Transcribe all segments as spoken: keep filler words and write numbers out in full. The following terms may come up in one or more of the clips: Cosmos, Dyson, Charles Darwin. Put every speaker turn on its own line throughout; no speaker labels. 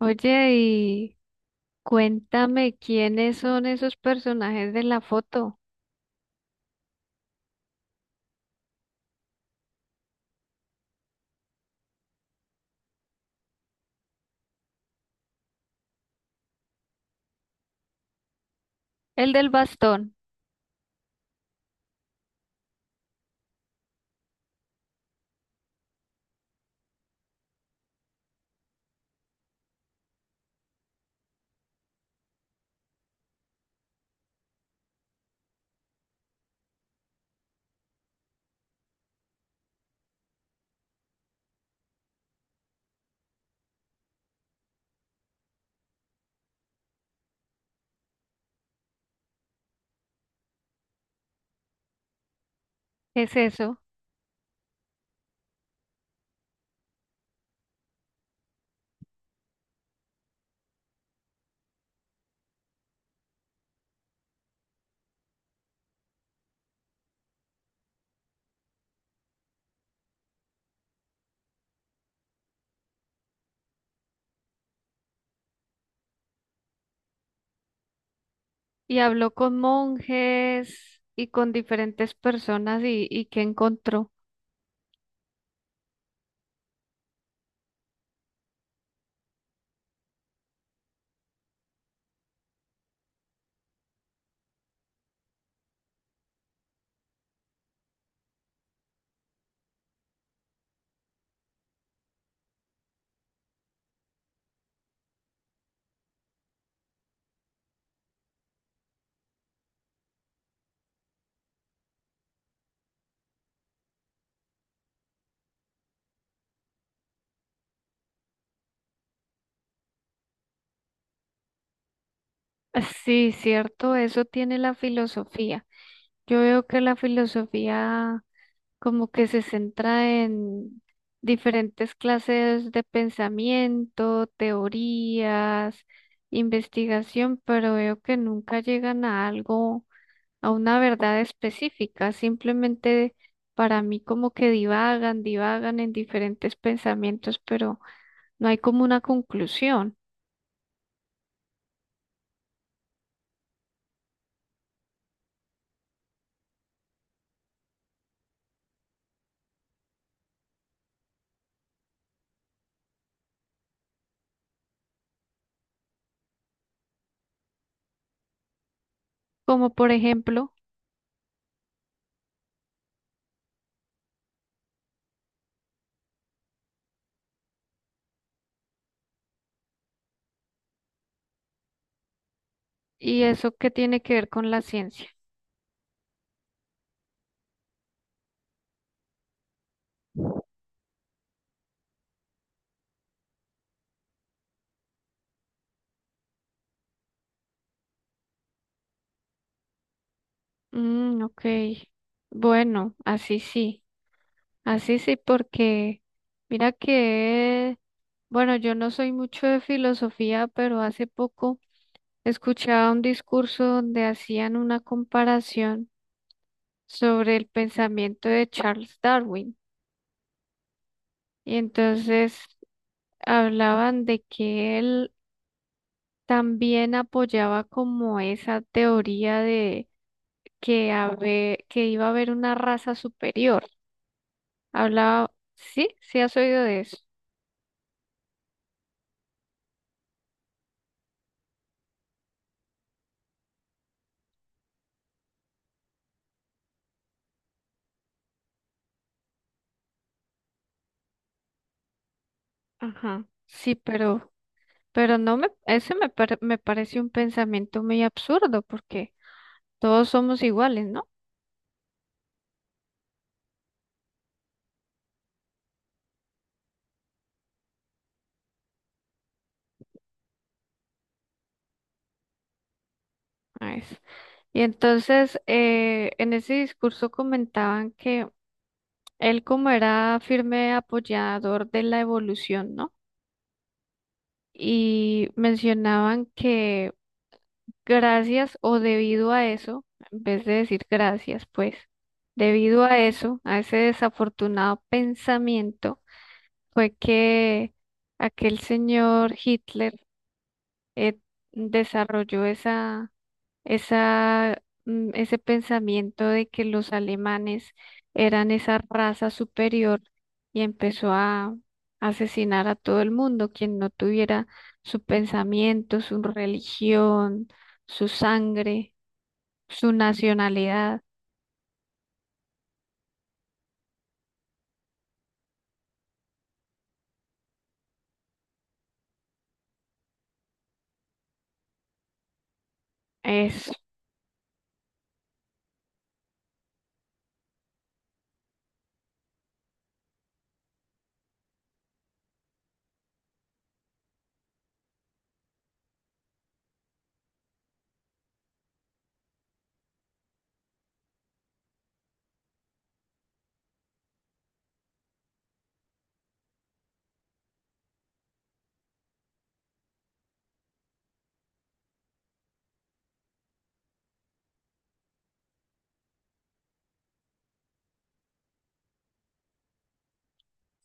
Oye, y cuéntame quiénes son esos personajes de la foto. El del bastón, ¿qué es eso? Y habló con monjes y con diferentes personas y, y qué encontró. Ah, sí, cierto, eso tiene la filosofía. Yo veo que la filosofía como que se centra en diferentes clases de pensamiento, teorías, investigación, pero veo que nunca llegan a algo, a una verdad específica, simplemente para mí como que divagan, divagan en diferentes pensamientos, pero no hay como una conclusión, como por ejemplo, ¿y eso qué tiene que ver con la ciencia? Mm, ok, bueno, así sí, así sí, porque mira que, bueno, yo no soy mucho de filosofía, pero hace poco escuchaba un discurso donde hacían una comparación sobre el pensamiento de Charles Darwin. Y entonces hablaban de que él también apoyaba como esa teoría de que, habe- que iba a haber una raza superior. Hablaba, sí, sí has oído de eso. Ajá, sí, pero, pero no me, ese me, pare- me parece un pensamiento muy absurdo porque todos somos iguales, ¿no? Nice. Y entonces, eh, en ese discurso comentaban que él como era firme apoyador de la evolución, ¿no? Y mencionaban que gracias o debido a eso, en vez de decir gracias, pues, debido a eso, a ese desafortunado pensamiento, fue que aquel señor Hitler, eh, desarrolló esa, esa, mm, ese pensamiento de que los alemanes eran esa raza superior y empezó a asesinar a todo el mundo, quien no tuviera su pensamiento, su religión, su sangre, su nacionalidad. Eso,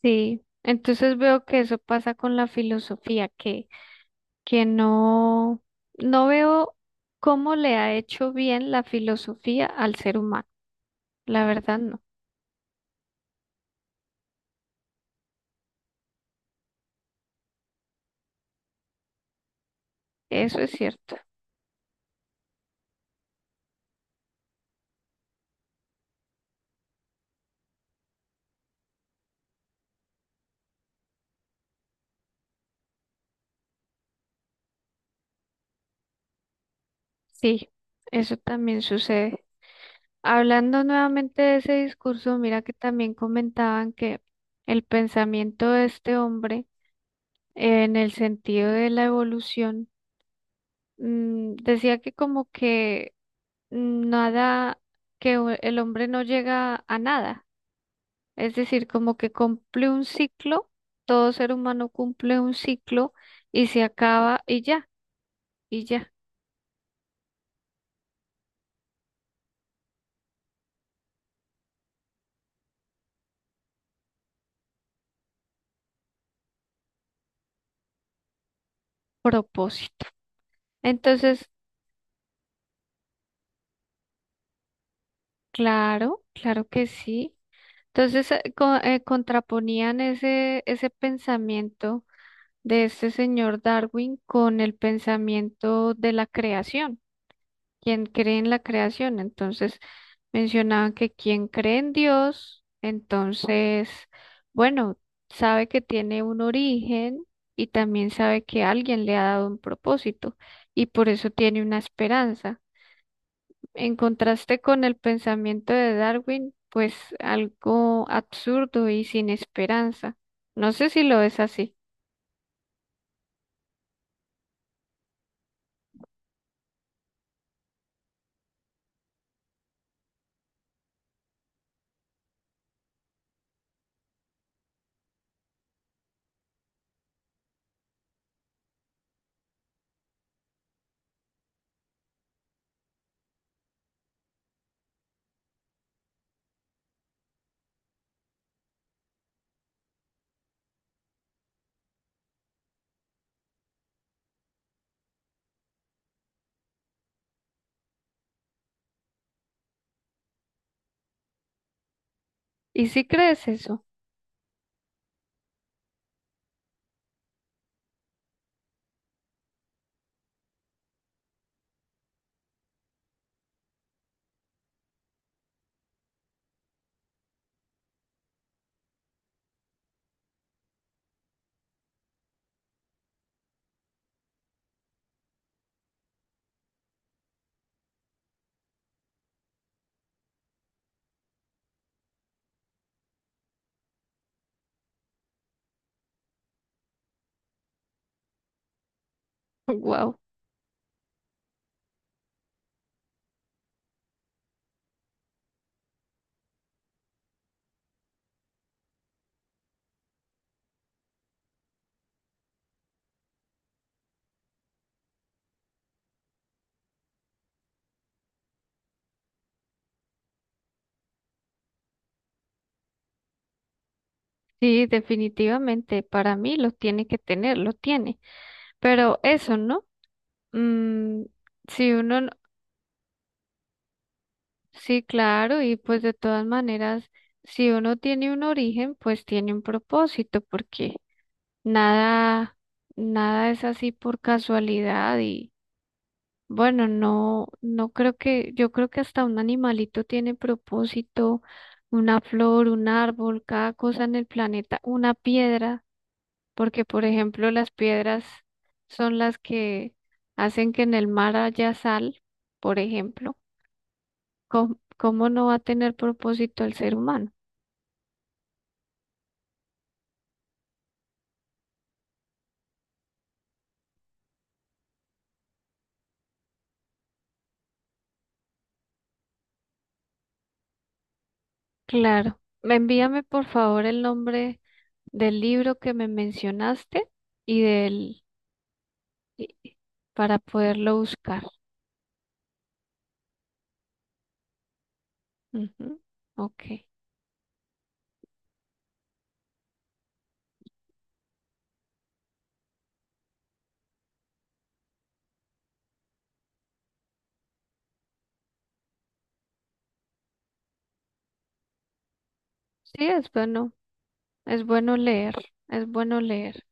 sí. Entonces veo que eso pasa con la filosofía, que que no, no veo cómo le ha hecho bien la filosofía al ser humano. La verdad no, eso es cierto. Sí, eso también sucede. Hablando nuevamente de ese discurso, mira que también comentaban que el pensamiento de este hombre, eh, en el sentido de la evolución, mm, decía que como que nada, que u- el hombre no llega a nada. Es decir, como que cumple un ciclo, todo ser humano cumple un ciclo y se acaba y ya, y ya, propósito. Entonces, claro, claro que sí. Entonces, eh, co- eh, contraponían ese, ese pensamiento de este señor Darwin con el pensamiento de la creación, quien cree en la creación. Entonces, mencionaban que quien cree en Dios, entonces, bueno, sabe que tiene un origen y también sabe que alguien le ha dado un propósito y por eso tiene una esperanza. En contraste con el pensamiento de Darwin, pues algo absurdo y sin esperanza. No sé si lo es así. ¿Y si crees eso? Wow. Sí, definitivamente, para mí lo tiene que tener, lo tiene. Pero eso, ¿no? Mm, si uno, no, sí, claro, y pues de todas maneras, si uno tiene un origen, pues tiene un propósito, porque nada, nada es así por casualidad y bueno, no, no creo que, yo creo que hasta un animalito tiene propósito, una flor, un árbol, cada cosa en el planeta, una piedra. Porque por ejemplo las piedras son las que hacen que en el mar haya sal, por ejemplo. ¿Cómo, cómo no va a tener propósito el ser humano? Claro. Me envíame por favor el nombre del libro que me mencionaste y del, y- y- para poderlo buscar. Ujú, ok. Sí, es bueno, es bueno leer, es bueno leer.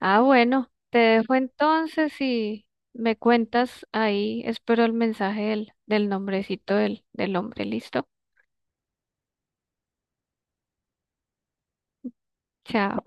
Ah, bueno, te dejo entonces y me cuentas ahí. Espero el mensaje del, del nombrecito del, del hombre. Listo. Chao.